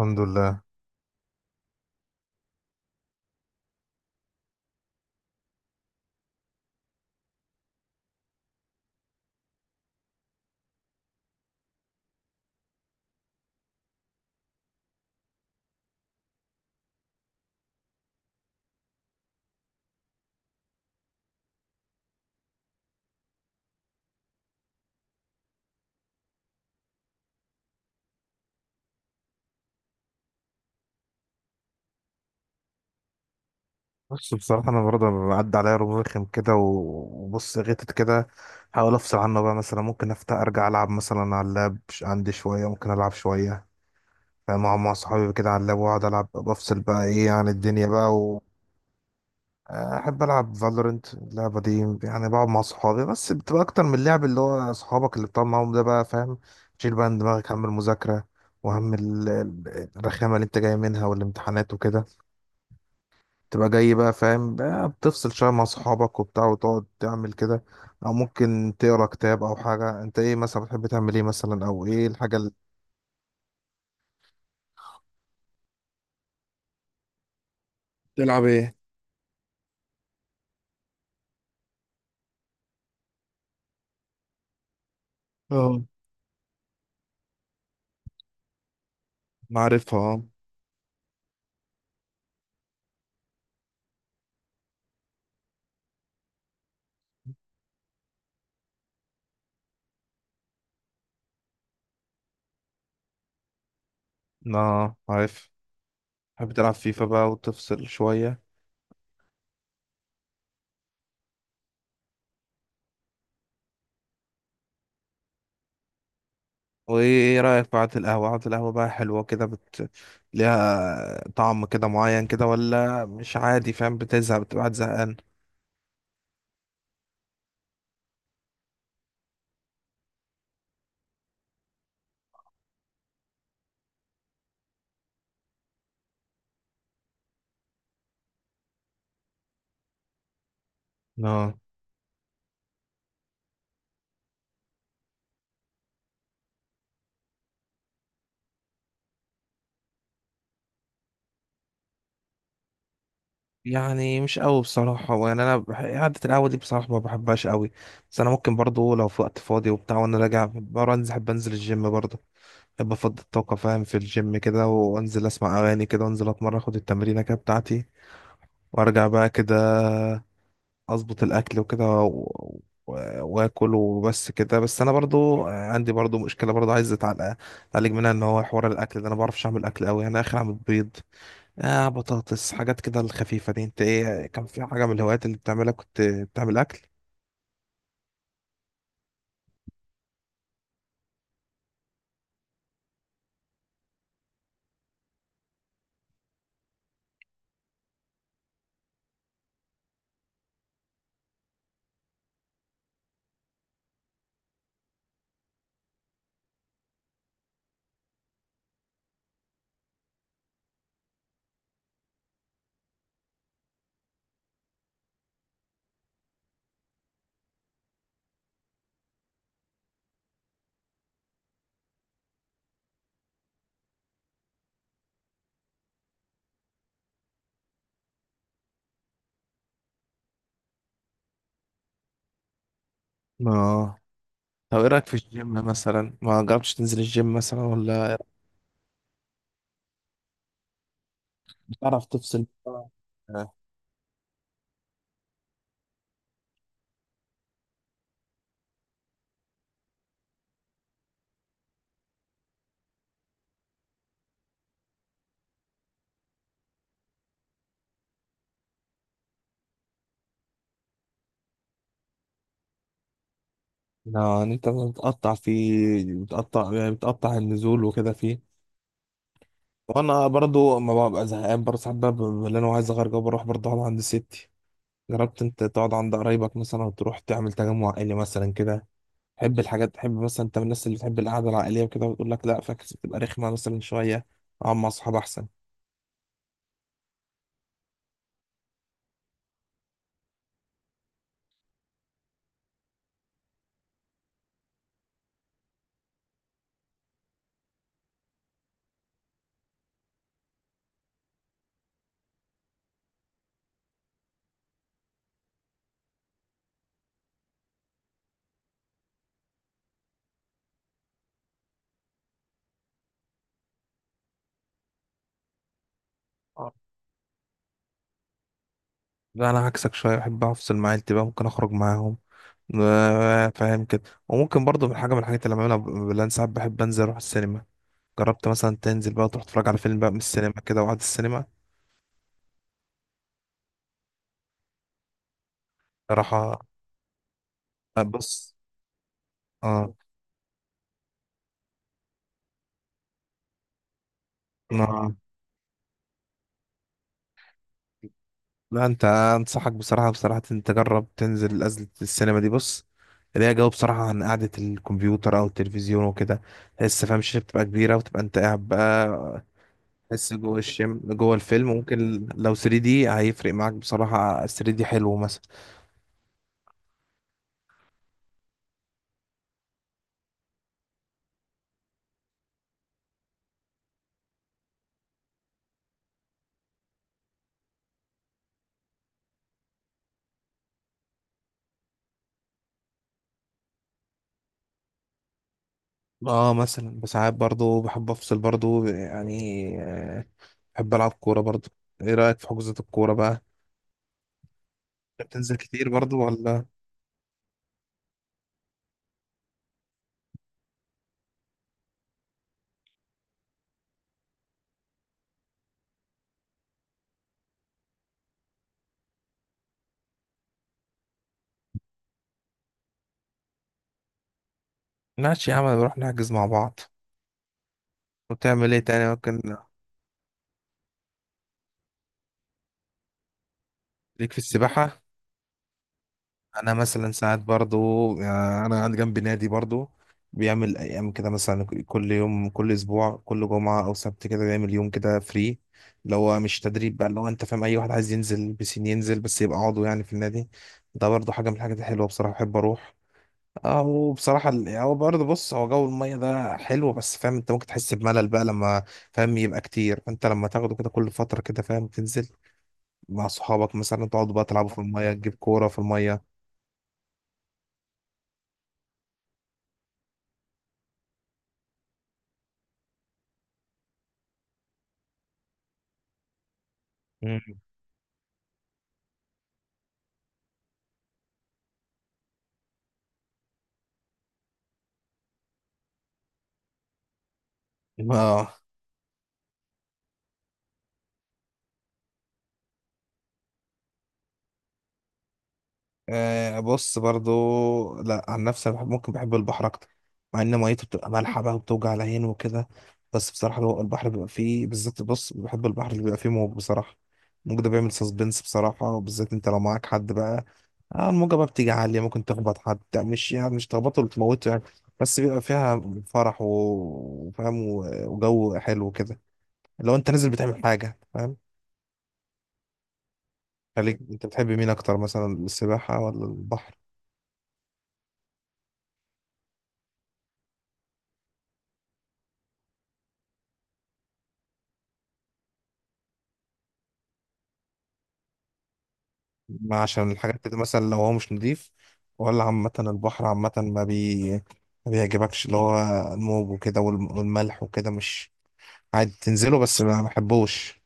الحمد لله. بص، بصراحة أنا برضه عدى عليا رمضان رخم كده وبص غتت كده. حاول أفصل عنه بقى، مثلا ممكن أفتح أرجع ألعب مثلا على اللاب. عندي شوية ممكن ألعب شوية مع صحابي كده على اللاب، وأقعد ألعب بفصل بقى إيه عن الدنيا بقى و... أحب ألعب فالورنت، اللعبة دي يعني بقعد مع صحابي، بس بتبقى أكتر من اللعب، اللي هو صحابك اللي بتقعد معاهم ده بقى، فاهم؟ شيل بقى من دماغك هم المذاكرة وهم الرخامة اللي أنت جاي منها والامتحانات وكده. تبقى جاي بقى، فاهم بقى؟ بتفصل شوية مع صحابك وبتاع وتقعد تعمل كده. أو ممكن تقرا كتاب أو حاجة. أنت إيه مثلا بتحب تعمل إيه مثلا، أو إيه الحاجة اللي... تلعب ايه؟ اه. معرفها. اه. آه، عارف. بتحب تلعب فيفا بقى وتفصل شوية. وإيه، إيه رأيك بعد القهوة، قعدة القهوة بقى حلوة كده، بت... ليها طعم كده معين كده، ولا مش عادي؟ فاهم؟ بتزهق؟ بتبقى قاعد زهقان؟ اه. يعني مش قوي بصراحة، يعني أنا بح... قعدة القهوة دي بصراحة ما بحبهاش قوي. بس أنا ممكن برضو لو في وقت فاضي وبتاع وأنا راجع برا أنزل، أحب أنزل الجيم برضو. أحب أفضي الطاقة فاهم، في الجيم كده، وأنزل أسمع أغاني كده وأنزل أتمرن، أخد التمرينة كده بتاعتي وأرجع بقى كده. أظبط الأكل وكده و... و... وآكل وبس كده. بس أنا برضو عندي برضو مشكلة برضو عايز أتعالج، أتعالج منها، إن هو حوار الأكل ده أنا ما بعرفش أعمل أكل قوي. أنا آخر أعمل بيض، آه بطاطس، حاجات كده الخفيفة دي. انت ايه، كان في حاجة من الهوايات اللي بتعملها كنت بتعمل أكل؟ اه. طب ايه رأيك في الجيم مثلا؟ ما جربتش تنزل الجيم مثلا ولا؟ بتعرف تفصل؟ آه. لا يعني انت بتقطع فيه، بتقطع يعني بتقطع النزول وكده فيه. وانا برضو ما ببقى زهقان برضه ساعات بقى، ببقى اللي انا عايز اغير جو، بروح برضه اقعد عند ستي. جربت انت تقعد عند قرايبك مثلا وتروح تعمل تجمع عائلي مثلا كده؟ تحب الحاجات، تحب مثلا، انت من الناس اللي بتحب القعده العائليه وكده، وتقول لك لا فاكس، بتبقى رخمه مثلا شويه، اقعد مع اصحاب احسن؟ اه. لا انا عكسك شويه، بحب افصل مع عيلتي بقى، ممكن اخرج معاهم. آه، فاهم كده. وممكن برضه من حاجه من الحاجات اللي بعملها بلان، ساعات بحب انزل اروح السينما. جربت مثلا تنزل بقى تروح تتفرج على فيلم بقى من السينما كده وقعد السينما راح؟ بص. اه. انا، لا انت انصحك بصراحة، بصراحة انت تجرب تنزل نزلة السينما دي. بص، اللي هي جو بصراحة عن قعدة الكمبيوتر او التلفزيون وكده. تحس فاهم، الشاشة بتبقى كبيرة وتبقى انت قاعد بقى، تحس جوه الشم جوه الفيلم. ممكن لو 3D هيفرق معاك بصراحة. 3D حلو مثلا. اه مثلا بساعات برضو بحب افصل برضو يعني. آه، بحب العب كورة برضو. ايه رأيك في حجوزات الكورة بقى؟ بتنزل كتير برضو ولا؟ ماشي يا عم، نروح نحجز مع بعض. وتعمل ايه تاني ممكن؟ ليك في السباحة؟ انا مثلا ساعات برضو، يعني انا عندي جنبي نادي برضو، بيعمل ايام كده مثلا، كل يوم، كل اسبوع، كل جمعه او سبت كده بيعمل يوم كده فري، اللي هو مش تدريب بقى، اللي هو انت فاهم، اي واحد عايز ينزل بسين ينزل، بس يبقى عضو يعني في النادي. ده برضو حاجه من الحاجات الحلوه بصراحه، بحب اروح. اه، وبصراحه هو برضه، بص، هو جو الميه ده حلو، بس فاهم انت ممكن تحس بملل بقى لما فاهم يبقى كتير. فانت لما تاخده كده كل فتره كده، فاهم، تنزل مع صحابك مثلا، تقعدوا بقى تلعبوا في الميه، تجيب كوره في الميه. اه. آه، بص برضو، لا عن نفسي أنا بحب، ممكن بحب البحر اكتر، مع ان ميته بتبقى مالحه بقى وبتوجع العين وكده. بس بصراحه لو البحر بيبقى فيه بالذات، بص، بحب البحر اللي بيبقى فيه موج بصراحه. الموج ده بيعمل سسبنس بصراحه، وبالذات انت لو معاك حد بقى، آه الموجه بقى بتيجي عاليه، ممكن تخبط حد، يعني مش يعني مش تخبطه ولا تموته يعني. بس بيبقى فيها فرح وفاهم و... وجو حلو كده، لو انت نازل بتعمل حاجه، فاهم؟ خليك انت، بتحب مين اكتر مثلا، السباحه ولا البحر؟ ما عشان الحاجات دي مثلا لو هو مش نضيف؟ ولا عامة البحر عامة ما بيعجبكش، اللي هو الموج وكده والملح وكده، مش عادي تنزله بس ما بحبوش؟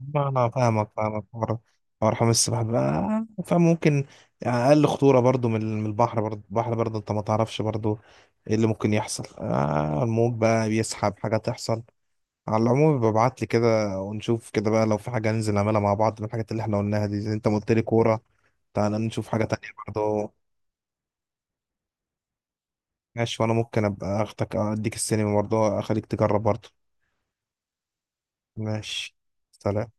ما انا فاهمك، حوار، حوار حمام السباحة بقى، فاهم، ممكن اقل خطورة برضو من البحر. برضو البحر برضو انت ما تعرفش برضو ايه اللي ممكن يحصل، آه الموج بقى بيسحب، حاجة تحصل. على العموم ببعت لي كده ونشوف كده بقى، لو في حاجة ننزل نعملها مع بعض من الحاجات اللي احنا قلناها دي، زي انت ما قلت لي كورة، تعالى نشوف حاجة تانية برضه. ماشي، وأنا ممكن أبقى أخدك أديك السينما برضه أخليك تجرب برضه. ماشي. سلام.